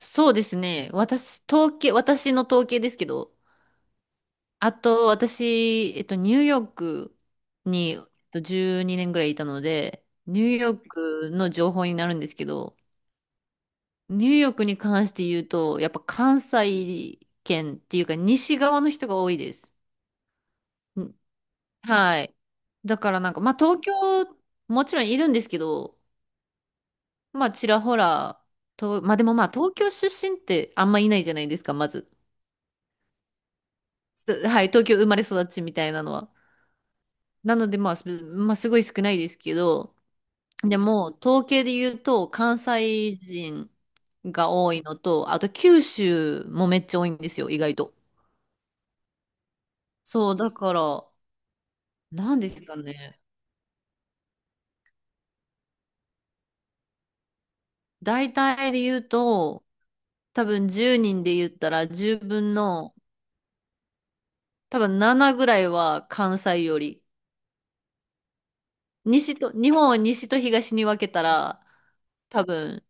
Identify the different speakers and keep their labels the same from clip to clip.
Speaker 1: そうですね。私の統計ですけど、あと私、ニューヨークに、12年ぐらいいたので、ニューヨークの情報になるんですけど、ニューヨークに関して言うと、やっぱ関西圏っていうか、西側の人が多いです。んはい。だからなんか、まあ東京、もちろんいるんですけど、まあちらほら、まあでもまあ東京出身ってあんまいないじゃないですか、まず。はい、東京生まれ育ちみたいなのは。なので、まあ、すごい少ないですけど、でも、統計で言うと、関西人が多いのと、あと九州もめっちゃ多いんですよ、意外と。そう、だから、なんですかね。大体で言うと、多分10人で言ったら10分の、多分7ぐらいは関西より。西と、日本を西と東に分けたら、多分、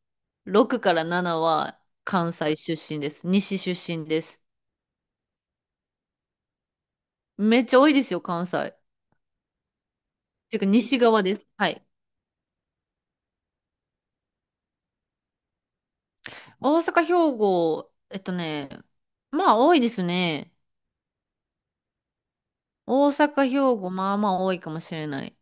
Speaker 1: 6から7は関西出身です。西出身です。めっちゃ多いですよ、関西。っていうか、西側です。はい。大阪、兵庫、えっとね、まあ多いですね。大阪、兵庫、まあまあ多いかもしれない。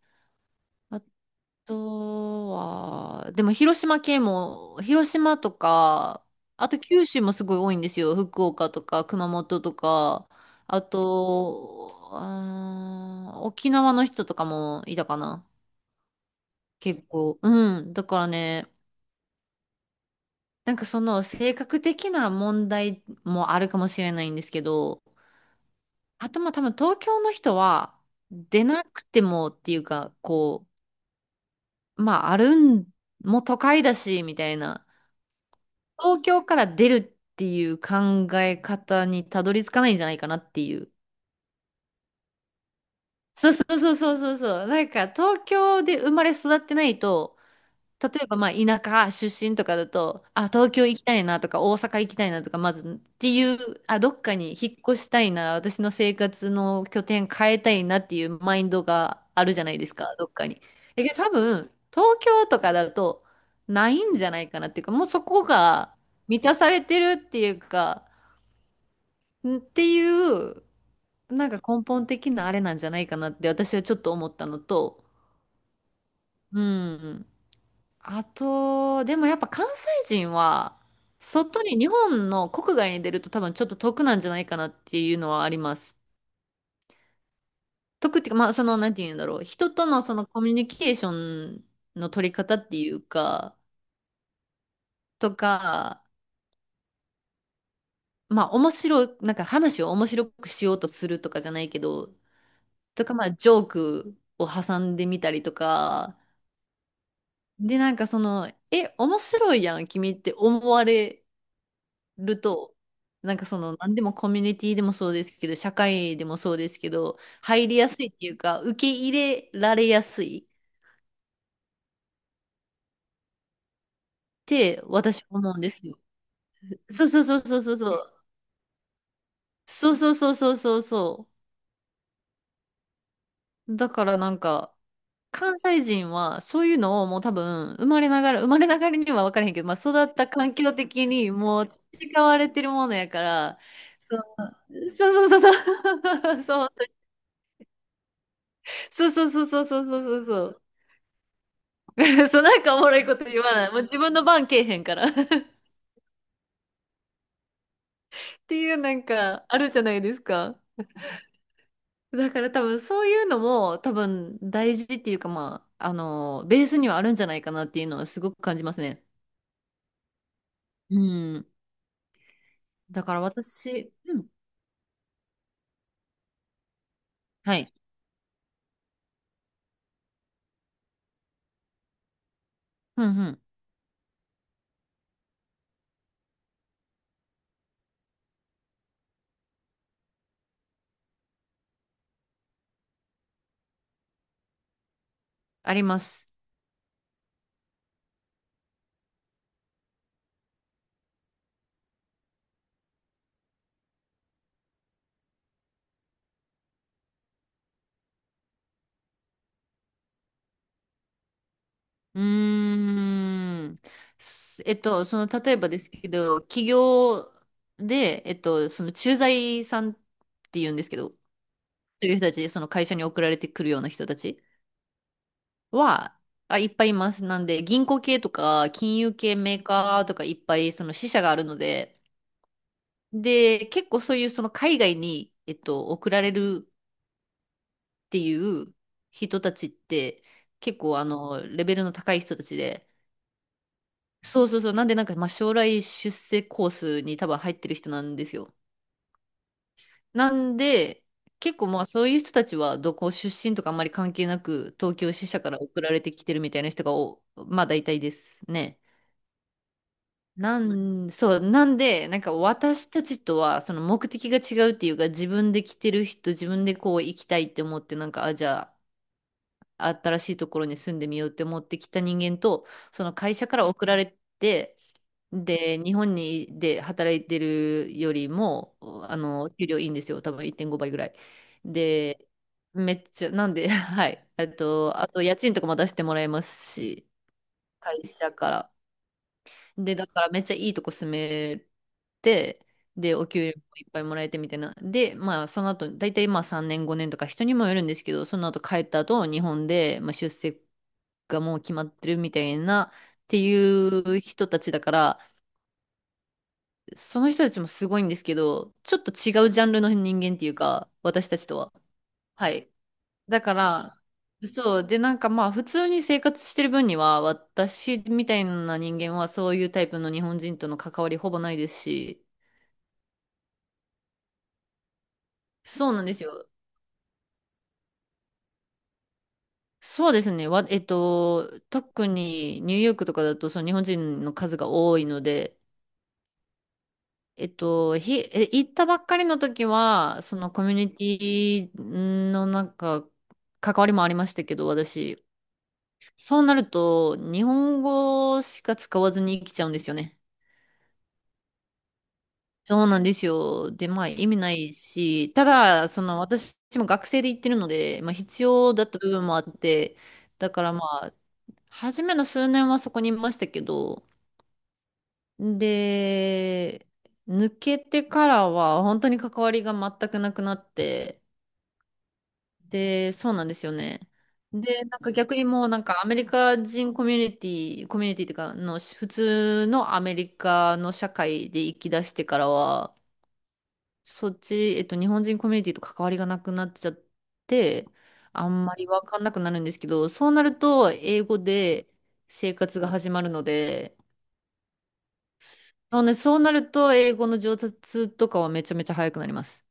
Speaker 1: あとは、でも広島県も、広島とか、あと九州もすごい多いんですよ。福岡とか熊本とか、あと、沖縄の人とかもいたかな。結構。うん。だからね、なんかその性格的な問題もあるかもしれないんですけど、あとまあ多分東京の人は出なくてもっていうか、こう、まああるん、もう都会だし、みたいな。東京から出るっていう考え方にたどり着かないんじゃないかなっていう。そうそうそうそうそうそう。なんか東京で生まれ育ってないと、例えばまあ田舎出身とかだと、あ、東京行きたいなとか大阪行きたいなとか、まずっていう、あ、どっかに引っ越したいな、私の生活の拠点変えたいなっていうマインドがあるじゃないですか、どっかに。え、けど多分、東京とかだとないんじゃないかなっていうか、もうそこが満たされてるっていうか、んっていう、なんか根本的なあれなんじゃないかなって私はちょっと思ったのと、うん。あと、でもやっぱ関西人は、外に日本の国外に出ると多分ちょっと得なんじゃないかなっていうのはあります。得っていうか、まあその、なんて言うんだろう。人とのそのコミュニケーションの取り方っていうか、とか、まあ面白い、なんか話を面白くしようとするとかじゃないけど、とかまあジョークを挟んでみたりとか、で、なんかその、え、面白いやん、君って思われると、なんかその、何でもコミュニティでもそうですけど、社会でもそうですけど、入りやすいっていうか、受け入れられやすいって私思うんですよ。そうそうそうそうそうそう。そうそうそうそうそうそう。だからなんか、関西人はそういうのをもう多分、生まれながらには分からへんけど、まあ育った環境的にもう培われてるものやから、そうそうそうそう。そうそうそうそうそうそうそうそうそう。そうなんかおもろいこと言わない。もう自分の番けえへんから っていうなんかあるじゃないですか。だから多分そういうのも多分大事っていうかまあ、あの、ベースにはあるんじゃないかなっていうのはすごく感じますね。うん。だから私、うん。はい。うんうん。あります。うーん。えっと、その例えばですけど、企業で、その駐在さんって言うんですけど、そういう人たち、その会社に送られてくるような人たちは、あ、いっぱいいます。なんで、銀行系とか、金融系メーカーとか、いっぱいその支社があるので、で、結構そういうその海外に、送られるっていう人たちって、結構あの、レベルの高い人たちで、そうそうそう、なんでなんか、まあ、将来出世コースに多分入ってる人なんですよ。なんで、結構まあそういう人たちはどこ出身とかあんまり関係なく、東京支社から送られてきてるみたいな人が、まあ大体ですね。そう、なんで、なんか私たちとはその目的が違うっていうか、自分で来てる人、自分でこう行きたいって思って、なんか、あ、じゃあ、新しいところに住んでみようって思ってきた人間と、その会社から送られて、で、日本にで働いてるよりも、あの、給料いいんですよ。多分1.5倍ぐらい。で、めっちゃ、なんで、はい。あと家賃とかも出してもらえますし、会社から。で、だからめっちゃいいとこ住めて、で、お給料もいっぱいもらえてみたいな。で、まあ、その後、大体まあ3年、5年とか人にもよるんですけど、その後帰った後、日本で、まあ、出世がもう決まってるみたいな、っていう人たちだから、その人たちもすごいんですけど、ちょっと違うジャンルの人間っていうか、私たちとは。はい。だから、そう。で、なんかまあ、普通に生活してる分には、私みたいな人間はそういうタイプの日本人との関わりほぼないですし、そうなんですよ。そうですね。わ、えっと、特にニューヨークとかだと、その日本人の数が多いので、行ったばっかりの時は、そのコミュニティのなんか、関わりもありましたけど、私。そうなると、日本語しか使わずに生きちゃうんですよね。そうなんですよ。で、まあ意味ないし、ただ、その私も学生で行ってるので、まあ必要だった部分もあって、だからまあ、初めの数年はそこにいましたけど、で、抜けてからは本当に関わりが全くなくなって、で、そうなんですよね。で、なんか逆にもうなんかアメリカ人コミュニティっていうかの、普通のアメリカの社会で生き出してからは、そっち、日本人コミュニティと関わりがなくなっちゃって、あんまりわかんなくなるんですけど、そうなると、英語で生活が始まるので、そうね、そうなると、英語の上達とかはめちゃめちゃ早くなります。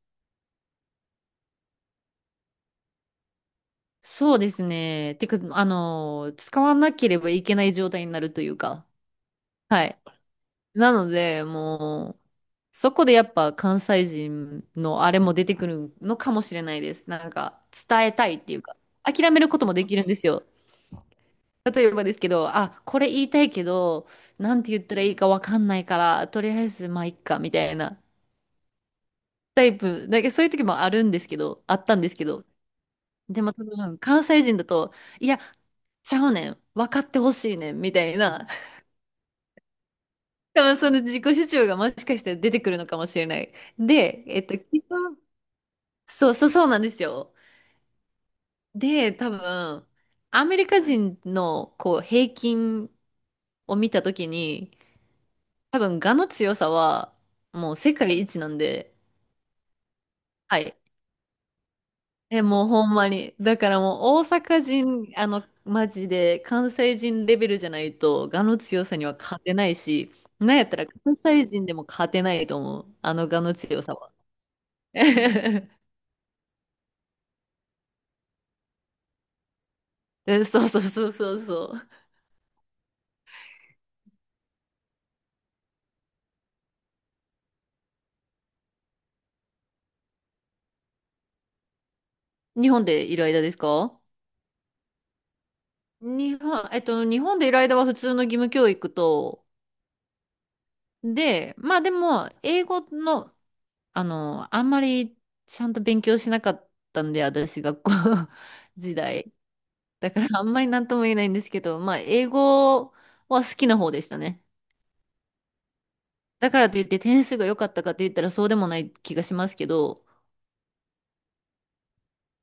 Speaker 1: そうですね。てか、あの、使わなければいけない状態になるというか、はい。なので、もう、そこでやっぱ関西人のあれも出てくるのかもしれないです。なんか、伝えたいっていうか、諦めることもできるんですよ。例えばですけど、あ、これ言いたいけど、なんて言ったらいいかわかんないから、とりあえずまあいっか、みたいなタイプ、そういう時もあるんですけど、あったんですけど、でも多分関西人だと、いや、ちゃうねん、分かってほしいねん、みたいな、多分その自己主張がもしかしたら出てくるのかもしれない。で、基本そうそうそうなんですよ。で、多分、アメリカ人のこう平均を見た時に、多分、我の強さは、もう世界一なんで、はい。え、もうほんまに。だからもう大阪人、マジで関西人レベルじゃないと、我の強さには勝てないし、なんやったら関西人でも勝てないと思う。あの我の強さは。えそうそうそうそうそう。日本でいる間ですか？日本、日本でいる間は普通の義務教育と、で、まあでも、英語の、あんまりちゃんと勉強しなかったんで、私、学校 時代。だから、あんまりなんとも言えないんですけど、まあ、英語は好きな方でしたね。だからといって点数が良かったかと言ったらそうでもない気がしますけど、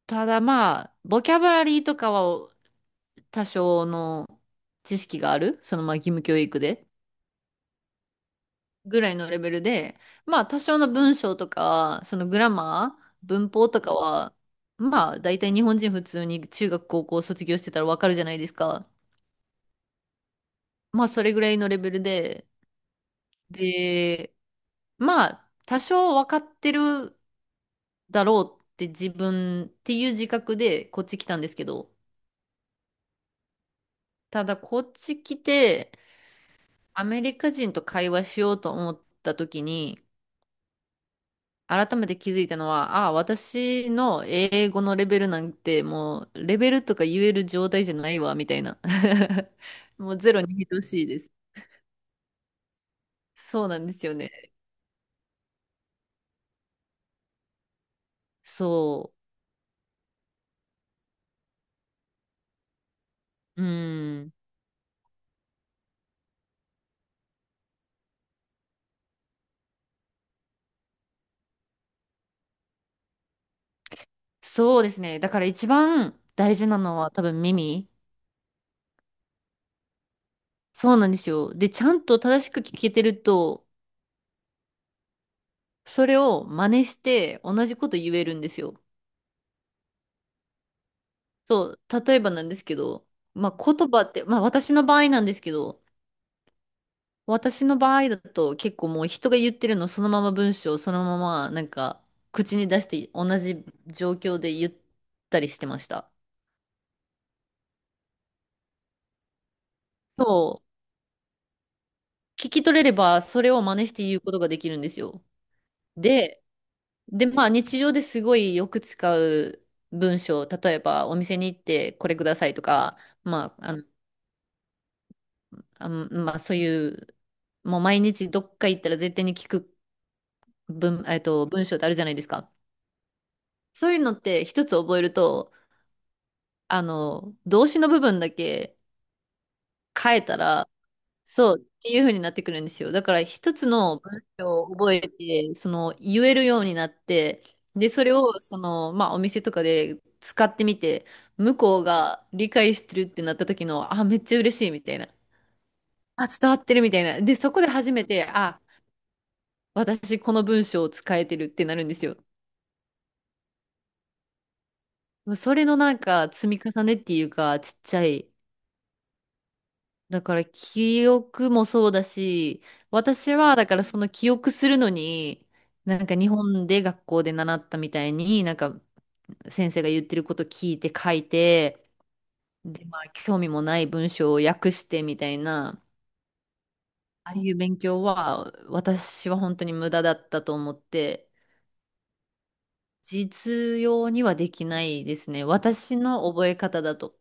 Speaker 1: ただまあ、ボキャブラリーとかは多少の知識がある、そのまあ義務教育で。ぐらいのレベルで、まあ多少の文章とか、そのグラマー、文法とかは、まあ大体日本人普通に中学高校卒業してたらわかるじゃないですか。まあそれぐらいのレベルで、で、まあ多少わかってるだろうって自分っていう自覚でこっち来たんですけど、ただこっち来てアメリカ人と会話しようと思った時に、改めて気づいたのは、ああ、私の英語のレベルなんて、もう、レベルとか言える状態じゃないわ、みたいな。もうゼロに等しいです。そうなんですよね。そう。うん。そうですね。だから一番大事なのは多分耳。そうなんですよ。で、ちゃんと正しく聞けてると、それを真似して同じこと言えるんですよ。そう。例えばなんですけど、まあ言葉って、まあ私の場合なんですけど、私の場合だと結構もう人が言ってるのそのまま文章をそのまま口に出して同じ状況で言ったりしてました。そう。聞き取れればそれを真似して言うことができるんですよ。で、で、まあ日常ですごいよく使う文章、例えばお店に行ってこれくださいとか、まあ、あの、まあそういう、もう毎日どっか行ったら絶対に聞く文、文章ってあるじゃないですか。そういうのって一つ覚えると、動詞の部分だけ変えたら、そうっていう風になってくるんですよ。だから一つの文章を覚えて、その言えるようになって、で、それをその、まあお店とかで使ってみて、向こうが理解してるってなった時の、あ、めっちゃ嬉しいみたいな。あ、伝わってるみたいな。で、そこで初めて、あ、私この文章を使えてるってなるんですよ。それの積み重ねっていうか、ちっちゃいだから記憶もそうだし、私はだからその記憶するのに、日本で学校で習ったみたいに、先生が言ってること聞いて書いて、で、まあ興味もない文章を訳してみたいな、ああいう勉強は私は本当に無駄だったと思って、実用にはできないですね。私の覚え方だと。